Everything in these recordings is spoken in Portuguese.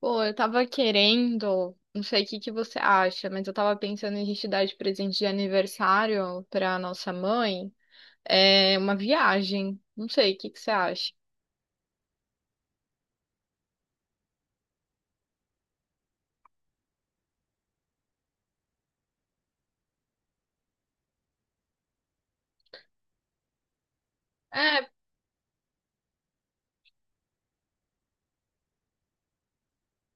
Pô, eu tava querendo, não sei o que que você acha, mas eu tava pensando em a gente dar de presente de aniversário pra nossa mãe, é uma viagem. Não sei, o que que você acha? É,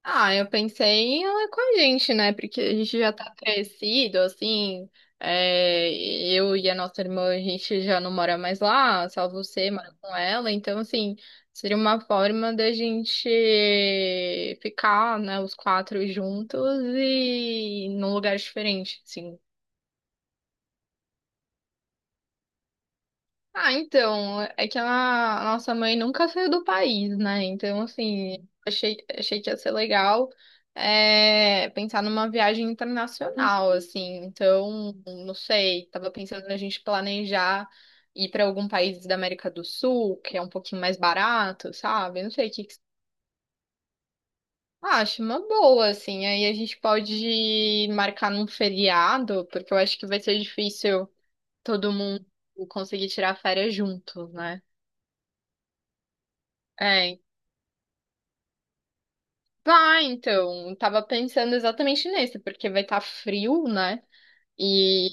ah, eu pensei em ela com a gente, né? Porque a gente já tá crescido, assim. Eu e a nossa irmã, a gente já não mora mais lá, só você mora com ela. Então, assim, seria uma forma da gente ficar, né, os quatro juntos e num lugar diferente, assim. Ah, então, é que a nossa mãe nunca saiu do país, né? Então, assim, achei que ia ser legal, pensar numa viagem internacional, assim. Então, não sei, tava pensando na gente planejar ir para algum país da América do Sul, que é um pouquinho mais barato, sabe? Não sei o que que você acha, uma boa, assim. Aí a gente pode marcar num feriado, porque eu acho que vai ser difícil todo mundo conseguir tirar férias juntos, né? É, ah, então, tava pensando exatamente nesse, porque vai estar frio, né? E,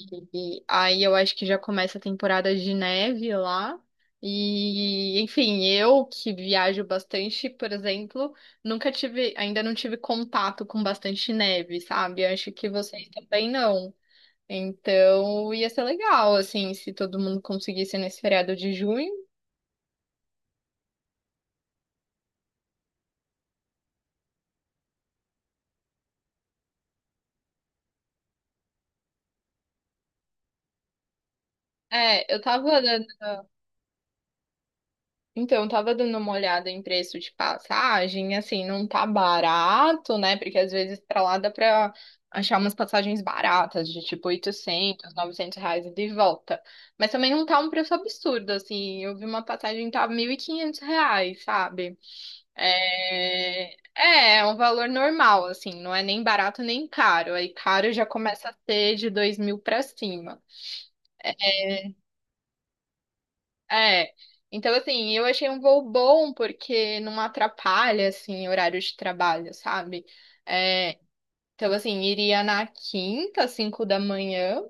e aí eu acho que já começa a temporada de neve lá. E, enfim, eu que viajo bastante, por exemplo, nunca tive, ainda não tive contato com bastante neve, sabe? Eu acho que vocês também não. Então, ia ser legal, assim, se todo mundo conseguisse nesse feriado de junho. É, eu tava então, eu tava dando uma olhada em preço de passagem, assim, não tá barato, né? Porque às vezes pra lá dá pra achar umas passagens baratas, de tipo 800, 900 reais ida e de volta. Mas também não tá um preço absurdo, assim. Eu vi uma passagem que tava 1.500 reais, sabe? É um valor normal, assim, não é nem barato nem caro. Aí caro já começa a ser de 2.000 pra cima. É. Então, assim, eu achei um voo bom porque não atrapalha, assim, horário de trabalho, sabe? É, então, assim, iria na quinta, às 5 da manhã,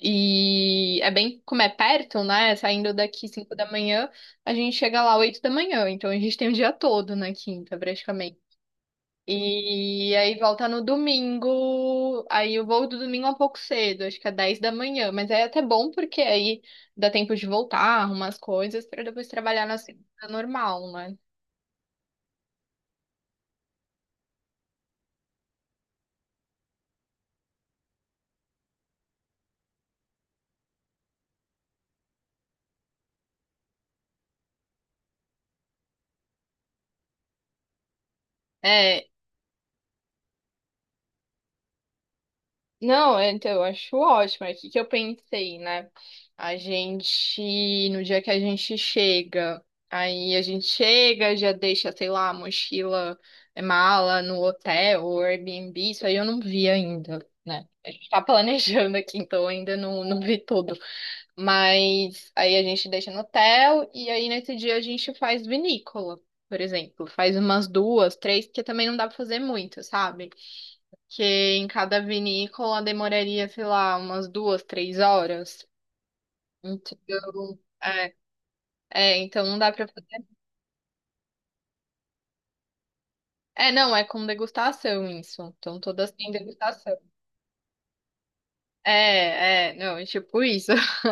e é bem como é perto, né? Saindo daqui 5 da manhã, a gente chega lá 8 da manhã, então a gente tem o dia todo na quinta, e aí volta no domingo. Aí o voo do domingo é um pouco cedo, acho que é 10 da manhã. Mas é até bom porque aí dá tempo de voltar, arrumar as coisas, para depois trabalhar na segunda normal, né? É, não, então, eu acho ótimo. É o que que eu pensei, né? No dia que a gente chega, aí a gente chega, já deixa, sei lá, a mochila, mala no hotel ou Airbnb, isso aí eu não vi ainda, né? A gente tá planejando aqui, então ainda não, não vi tudo. Mas aí a gente deixa no hotel e aí nesse dia a gente faz vinícola, por exemplo. Faz umas duas, três, porque também não dá pra fazer muito, sabe? Que em cada vinícola demoraria, sei lá, umas duas, três horas. Então, não dá pra fazer. É, não, é com degustação isso. Então todas têm degustação. É, não, é tipo isso.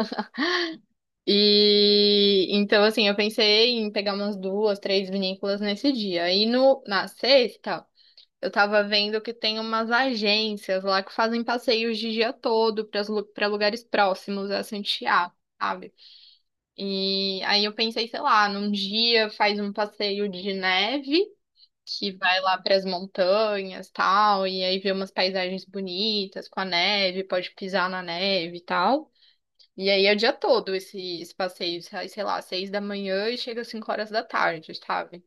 E então, assim, eu pensei em pegar umas duas, três vinícolas nesse dia. E no, na sexta, eu tava vendo que tem umas agências lá que fazem passeios de dia todo para lugares próximos a Santiago, sabe? E aí eu pensei, sei lá, num dia faz um passeio de neve, que vai lá para as montanhas, tal, e aí vê umas paisagens bonitas com a neve, pode pisar na neve e tal. E aí é o dia todo esse passeio, sai, sei lá, 6 da manhã e chega às 5 horas da tarde, sabe?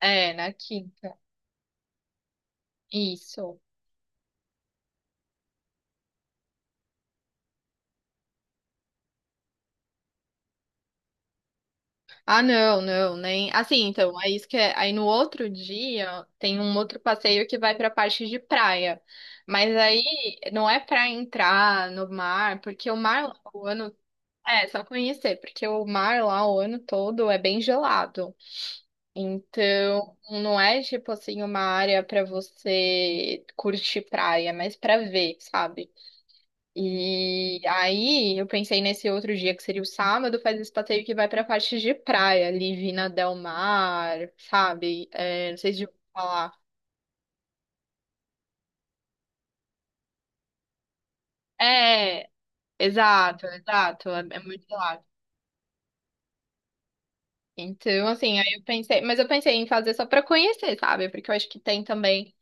É, na quinta. Isso. Ah, não, não, nem. Assim, então, é isso que é. Aí no outro dia tem um outro passeio que vai pra parte de praia. Mas aí não é pra entrar no mar, porque o mar lá o ano. É, só conhecer, porque o mar lá o ano todo é bem gelado. Então, não é tipo assim uma área pra você curtir praia, mas pra ver, sabe? E aí eu pensei nesse outro dia que seria o sábado, faz esse passeio que vai pra parte de praia, ali Vina Del Mar, sabe? É, não sei se eu vou falar. É, exato, exato, é muito lá. Então, assim, aí eu pensei, mas eu pensei em fazer só pra conhecer, sabe? Porque eu acho que tem também.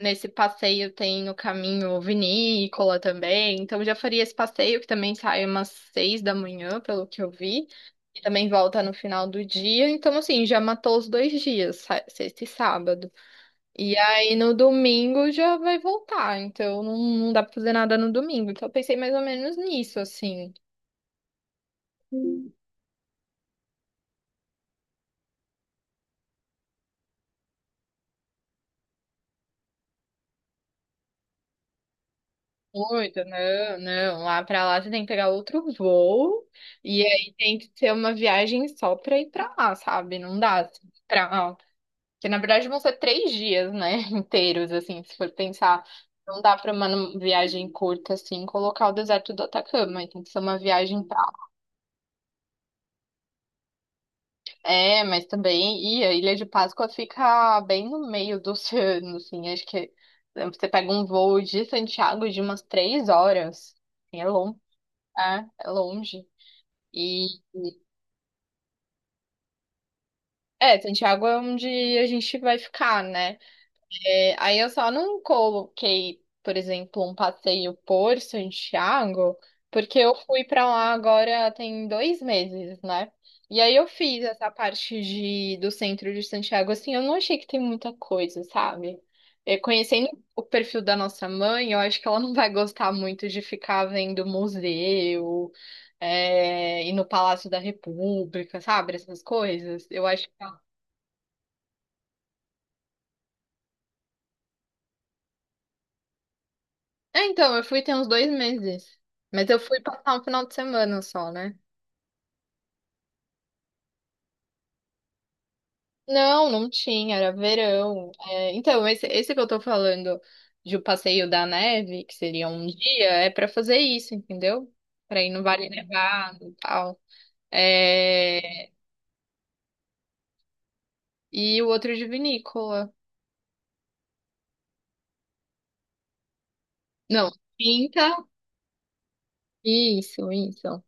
Nesse passeio tem o caminho vinícola também, então já faria esse passeio que também sai umas 6 da manhã, pelo que eu vi, e também volta no final do dia, então assim, já matou os dois dias, sexta e sábado. E aí no domingo já vai voltar, então não, não dá pra fazer nada no domingo, então eu pensei mais ou menos nisso, assim. Muito, não, não. Lá pra lá você tem que pegar outro voo. E aí tem que ser uma viagem só pra ir pra lá, sabe? Não dá assim, pra que na verdade vão ser 3 dias, né? Inteiros, assim, se for pensar. Não dá pra uma viagem curta, assim, colocar o deserto do Atacama. Tem que ser uma viagem pra. É, mas também. E a Ilha de Páscoa fica bem no meio do oceano, assim. Acho que você pega um voo de Santiago de umas 3 horas, assim. É longo. É, é longe. E. É, Santiago é onde a gente vai ficar, né? É, aí eu só não coloquei, por exemplo, um passeio por Santiago, porque eu fui pra lá agora tem 2 meses, né? E aí eu fiz essa parte do centro de Santiago, assim, eu não achei que tem muita coisa, sabe? É, conhecendo o perfil da nossa mãe, eu acho que ela não vai gostar muito de ficar vendo museu, ir no Palácio da República, sabe? Essas coisas. Eu acho. É, então, eu fui tem uns 2 meses. Mas eu fui passar um final de semana só, né? Não, não tinha, era verão. É, então, esse que eu tô falando de o passeio da neve, que seria um dia, é pra fazer isso, entendeu? Pra ir no Vale Nevado e tal. É, e o outro de vinícola. Não, quinta. Isso, isso.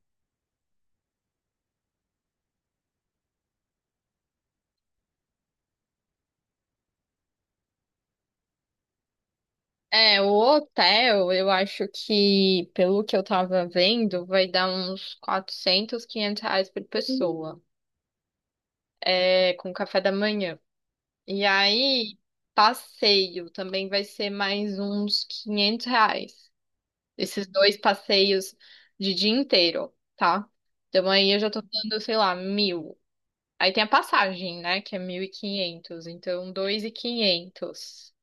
É, o hotel, eu acho que, pelo que eu tava vendo, vai dar uns 400, 500 reais por pessoa. É, com café da manhã. E aí, passeio também vai ser mais uns 500 reais. Esses dois passeios de dia inteiro, tá? Então aí eu já tô dando, sei lá, 1.000. Aí tem a passagem, né, que é 1.500, então 2.500.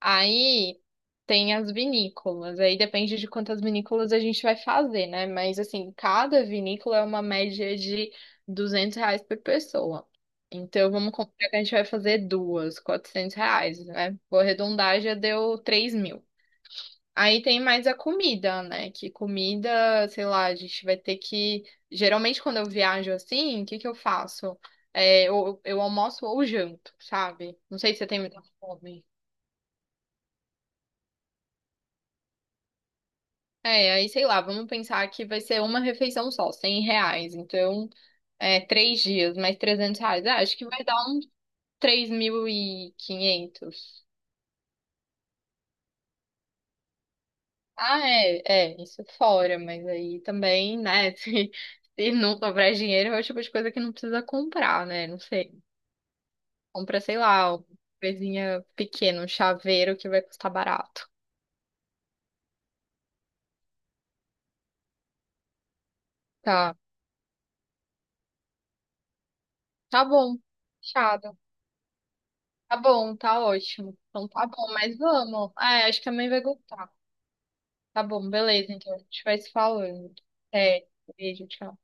Aí tem as vinícolas, aí depende de quantas vinícolas a gente vai fazer, né? Mas assim, cada vinícola é uma média de 200 reais por pessoa. Então vamos comprar que a gente vai fazer duas, 400 reais, né? Vou arredondar, já deu 3.000. Aí tem mais a comida, né? Que comida, sei lá, a gente vai ter que. Geralmente quando eu viajo assim, o que que eu faço? É, eu almoço ou janto, sabe? Não sei se você tem muita fome. É, aí sei lá, vamos pensar que vai ser uma refeição só, 100 reais. Então, 3 dias, mais 300 reais. Ah, acho que vai dar uns 3.500. Ah, isso fora, mas aí também, né, se, não sobrar dinheiro, é o tipo de coisa que não precisa comprar, né? Não sei. Compra, sei lá, uma coisinha pequena, um chaveiro que vai custar barato. Tá, tá bom. Fechado. Tá bom, tá ótimo. Então tá bom, mas vamos. É, acho que a mãe vai gostar. Tá bom, beleza, então. A gente vai se falando. Até. Beijo, tchau.